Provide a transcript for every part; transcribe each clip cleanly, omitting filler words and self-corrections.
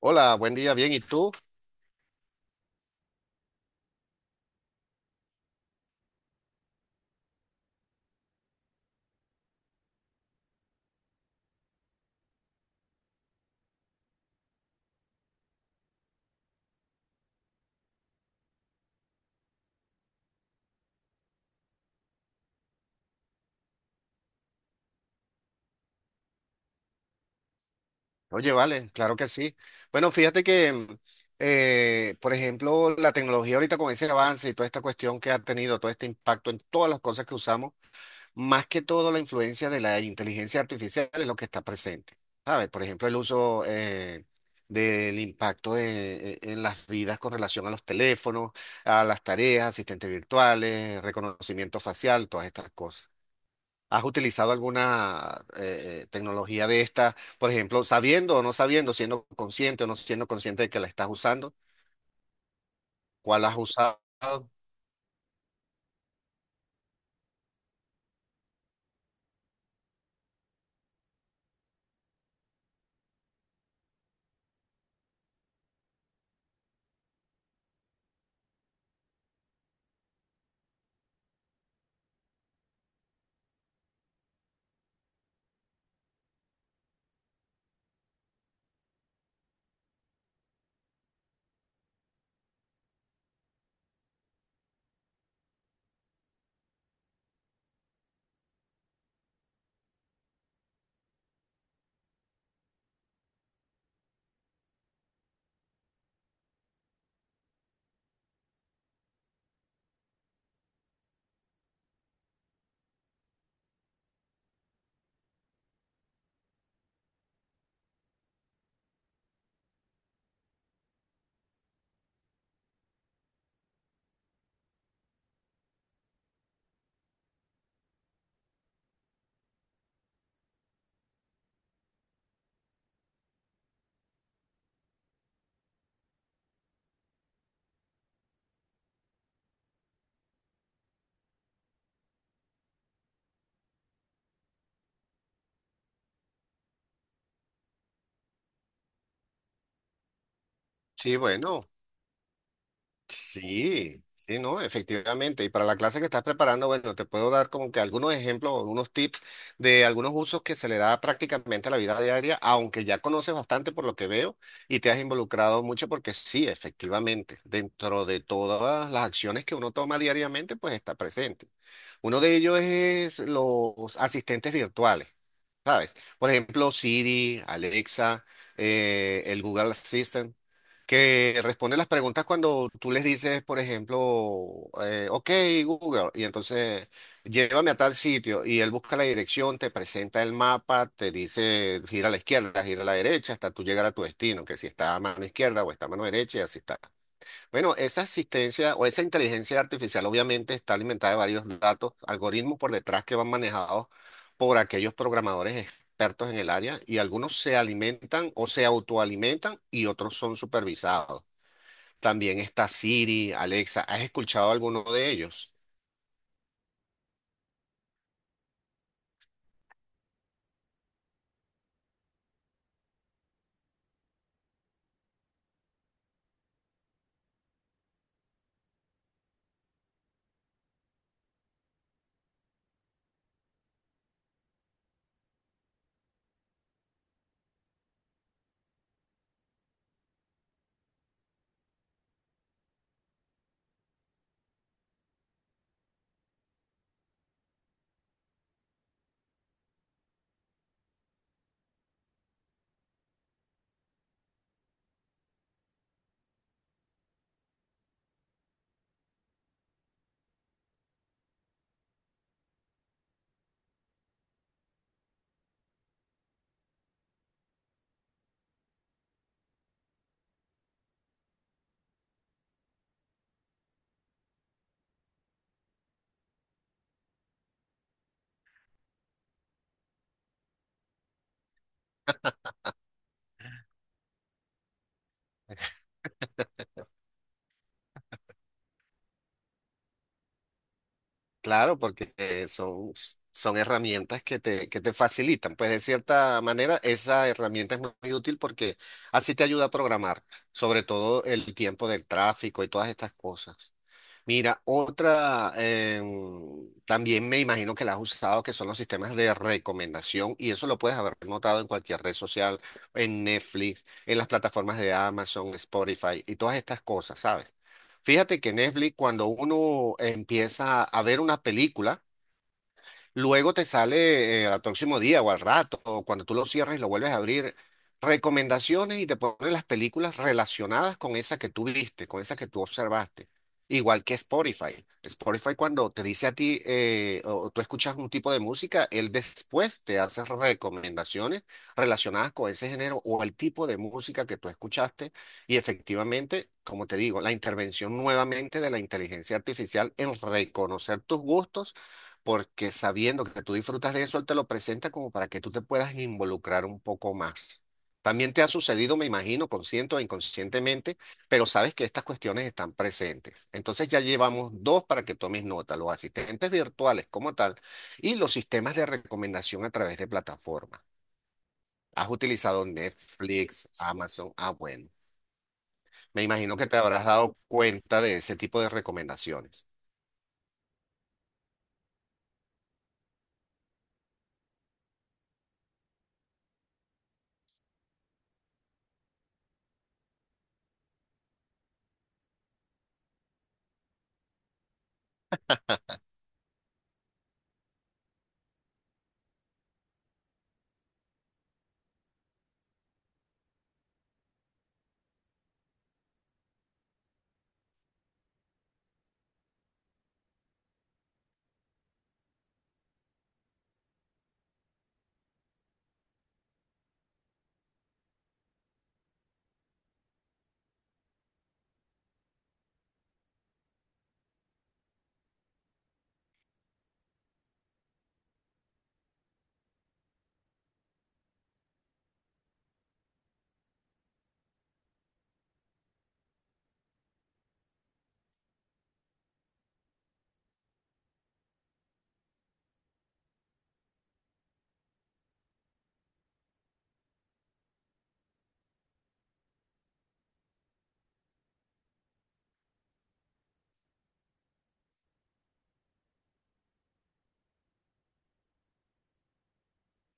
Hola, buen día, bien, ¿y tú? Oye, vale, claro que sí. Bueno, fíjate que, por ejemplo, la tecnología ahorita con ese avance y toda esta cuestión que ha tenido, todo este impacto en todas las cosas que usamos, más que todo la influencia de la inteligencia artificial es lo que está presente. ¿Sabes? Por ejemplo, el uso del impacto en las vidas con relación a los teléfonos, a las tareas, asistentes virtuales, reconocimiento facial, todas estas cosas. ¿Has utilizado alguna tecnología de esta? Por ejemplo, sabiendo o no sabiendo, siendo consciente o no siendo consciente de que la estás usando, ¿cuál has usado? Sí, bueno. Sí, sí, no, efectivamente. Y para la clase que estás preparando, bueno, te puedo dar como que algunos ejemplos o unos tips de algunos usos que se le da prácticamente a la vida diaria, aunque ya conoces bastante por lo que veo y te has involucrado mucho porque sí, efectivamente, dentro de todas las acciones que uno toma diariamente, pues está presente. Uno de ellos es los asistentes virtuales. ¿Sabes? Por ejemplo, Siri, Alexa, el Google Assistant, que responde las preguntas cuando tú les dices, por ejemplo, ok, Google, y entonces llévame a tal sitio, y él busca la dirección, te presenta el mapa, te dice gira a la izquierda, gira a la derecha, hasta tú llegar a tu destino, que si está a mano izquierda o está a mano derecha, y así está. Bueno, esa asistencia o esa inteligencia artificial obviamente está alimentada de varios datos, algoritmos por detrás que van manejados por aquellos programadores expertos en el área, y algunos se alimentan o se autoalimentan y otros son supervisados. También está Siri, Alexa. ¿Has escuchado alguno de ellos? Claro, porque son herramientas que te facilitan. Pues de cierta manera, esa herramienta es muy útil porque así te ayuda a programar, sobre todo el tiempo del tráfico y todas estas cosas. Mira, otra, también me imagino que la has usado, que son los sistemas de recomendación, y eso lo puedes haber notado en cualquier red social, en Netflix, en las plataformas de Amazon, Spotify y todas estas cosas, ¿sabes? Fíjate que Netflix, cuando uno empieza a ver una película, luego te sale, al próximo día o al rato, o cuando tú lo cierras y lo vuelves a abrir, recomendaciones, y te pone las películas relacionadas con esa que tú viste, con esa que tú observaste. Igual que Spotify. Spotify, cuando te dice a ti, o tú escuchas un tipo de música, él después te hace recomendaciones relacionadas con ese género o el tipo de música que tú escuchaste. Y efectivamente, como te digo, la intervención nuevamente de la inteligencia artificial en reconocer tus gustos, porque sabiendo que tú disfrutas de eso, él te lo presenta como para que tú te puedas involucrar un poco más. También te ha sucedido, me imagino, consciente o inconscientemente, pero sabes que estas cuestiones están presentes. Entonces ya llevamos dos para que tomes nota: los asistentes virtuales como tal y los sistemas de recomendación a través de plataformas. ¿Has utilizado Netflix, Amazon? Ah, bueno. Me imagino que te habrás dado cuenta de ese tipo de recomendaciones.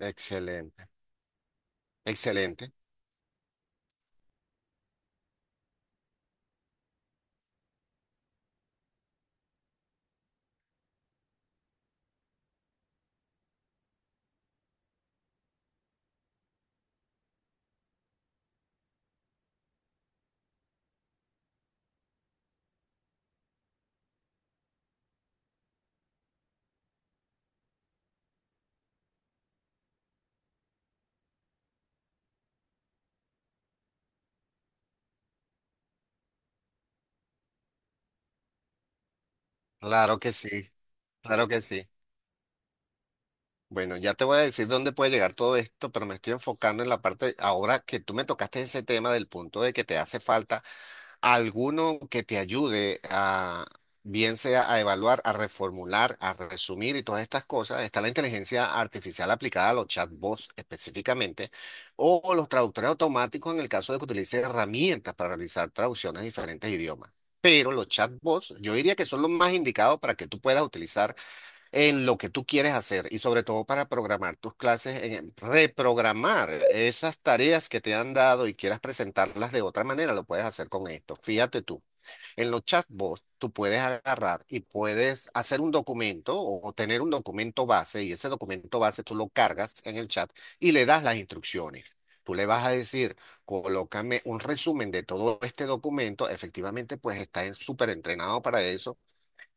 Excelente, excelente. Claro que sí, claro que sí. Bueno, ya te voy a decir dónde puede llegar todo esto, pero me estoy enfocando en la parte, ahora que tú me tocaste ese tema, del punto de que te hace falta alguno que te ayude a, bien sea a evaluar, a reformular, a resumir y todas estas cosas. Está la inteligencia artificial aplicada a los chatbots específicamente, o los traductores automáticos en el caso de que utilice herramientas para realizar traducciones de diferentes idiomas. Pero los chatbots, yo diría que son los más indicados para que tú puedas utilizar en lo que tú quieres hacer, y sobre todo para programar tus clases, reprogramar esas tareas que te han dado y quieras presentarlas de otra manera, lo puedes hacer con esto. Fíjate tú, en los chatbots tú puedes agarrar y puedes hacer un documento o tener un documento base, y ese documento base tú lo cargas en el chat y le das las instrucciones. Tú le vas a decir, colócame un resumen de todo este documento. Efectivamente, pues está súper entrenado para eso.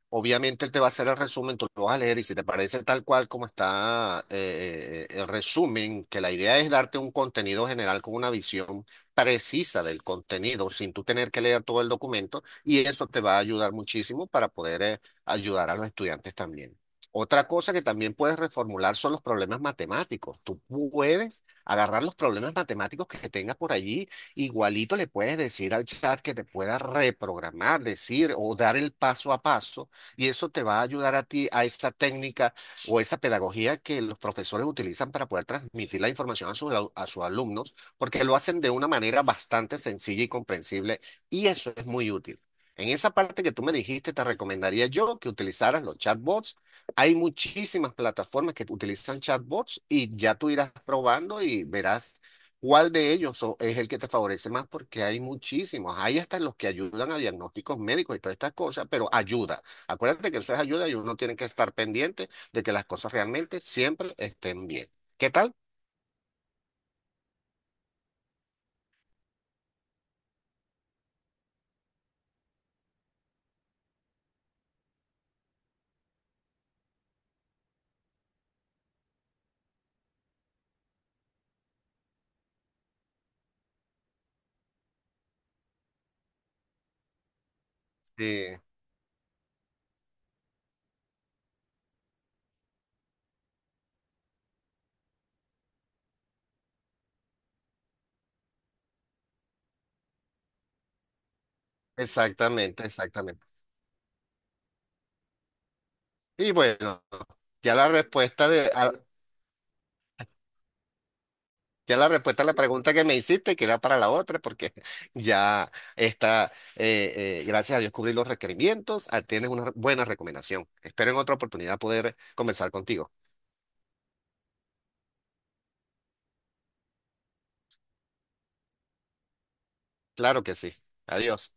Obviamente él te va a hacer el resumen, tú lo vas a leer, y si te parece tal cual como está, el resumen, que la idea es darte un contenido general con una visión precisa del contenido sin tú tener que leer todo el documento, y eso te va a ayudar muchísimo para poder ayudar a los estudiantes también. Otra cosa que también puedes reformular son los problemas matemáticos. Tú puedes agarrar los problemas matemáticos que tengas por allí. Igualito le puedes decir al chat que te pueda reprogramar, decir o dar el paso a paso, y eso te va a ayudar a ti a esa técnica o esa pedagogía que los profesores utilizan para poder transmitir la información a a sus alumnos, porque lo hacen de una manera bastante sencilla y comprensible, y eso es muy útil. En esa parte que tú me dijiste, te recomendaría yo que utilizaras los chatbots. Hay muchísimas plataformas que utilizan chatbots, y ya tú irás probando y verás ¿cuál de ellos es el que te favorece más? Porque hay muchísimos. Hay hasta los que ayudan a diagnósticos médicos y todas estas cosas, pero ayuda. Acuérdate que eso es ayuda, y uno tiene que estar pendiente de que las cosas realmente siempre estén bien. ¿Qué tal? Sí, exactamente, exactamente. Y bueno, ya la respuesta de, a- ya la respuesta a la pregunta que me hiciste queda para la otra, porque ya está, gracias a Dios cubrí los requerimientos, ah, tienes una buena recomendación. Espero en otra oportunidad poder conversar contigo. Claro que sí. Adiós.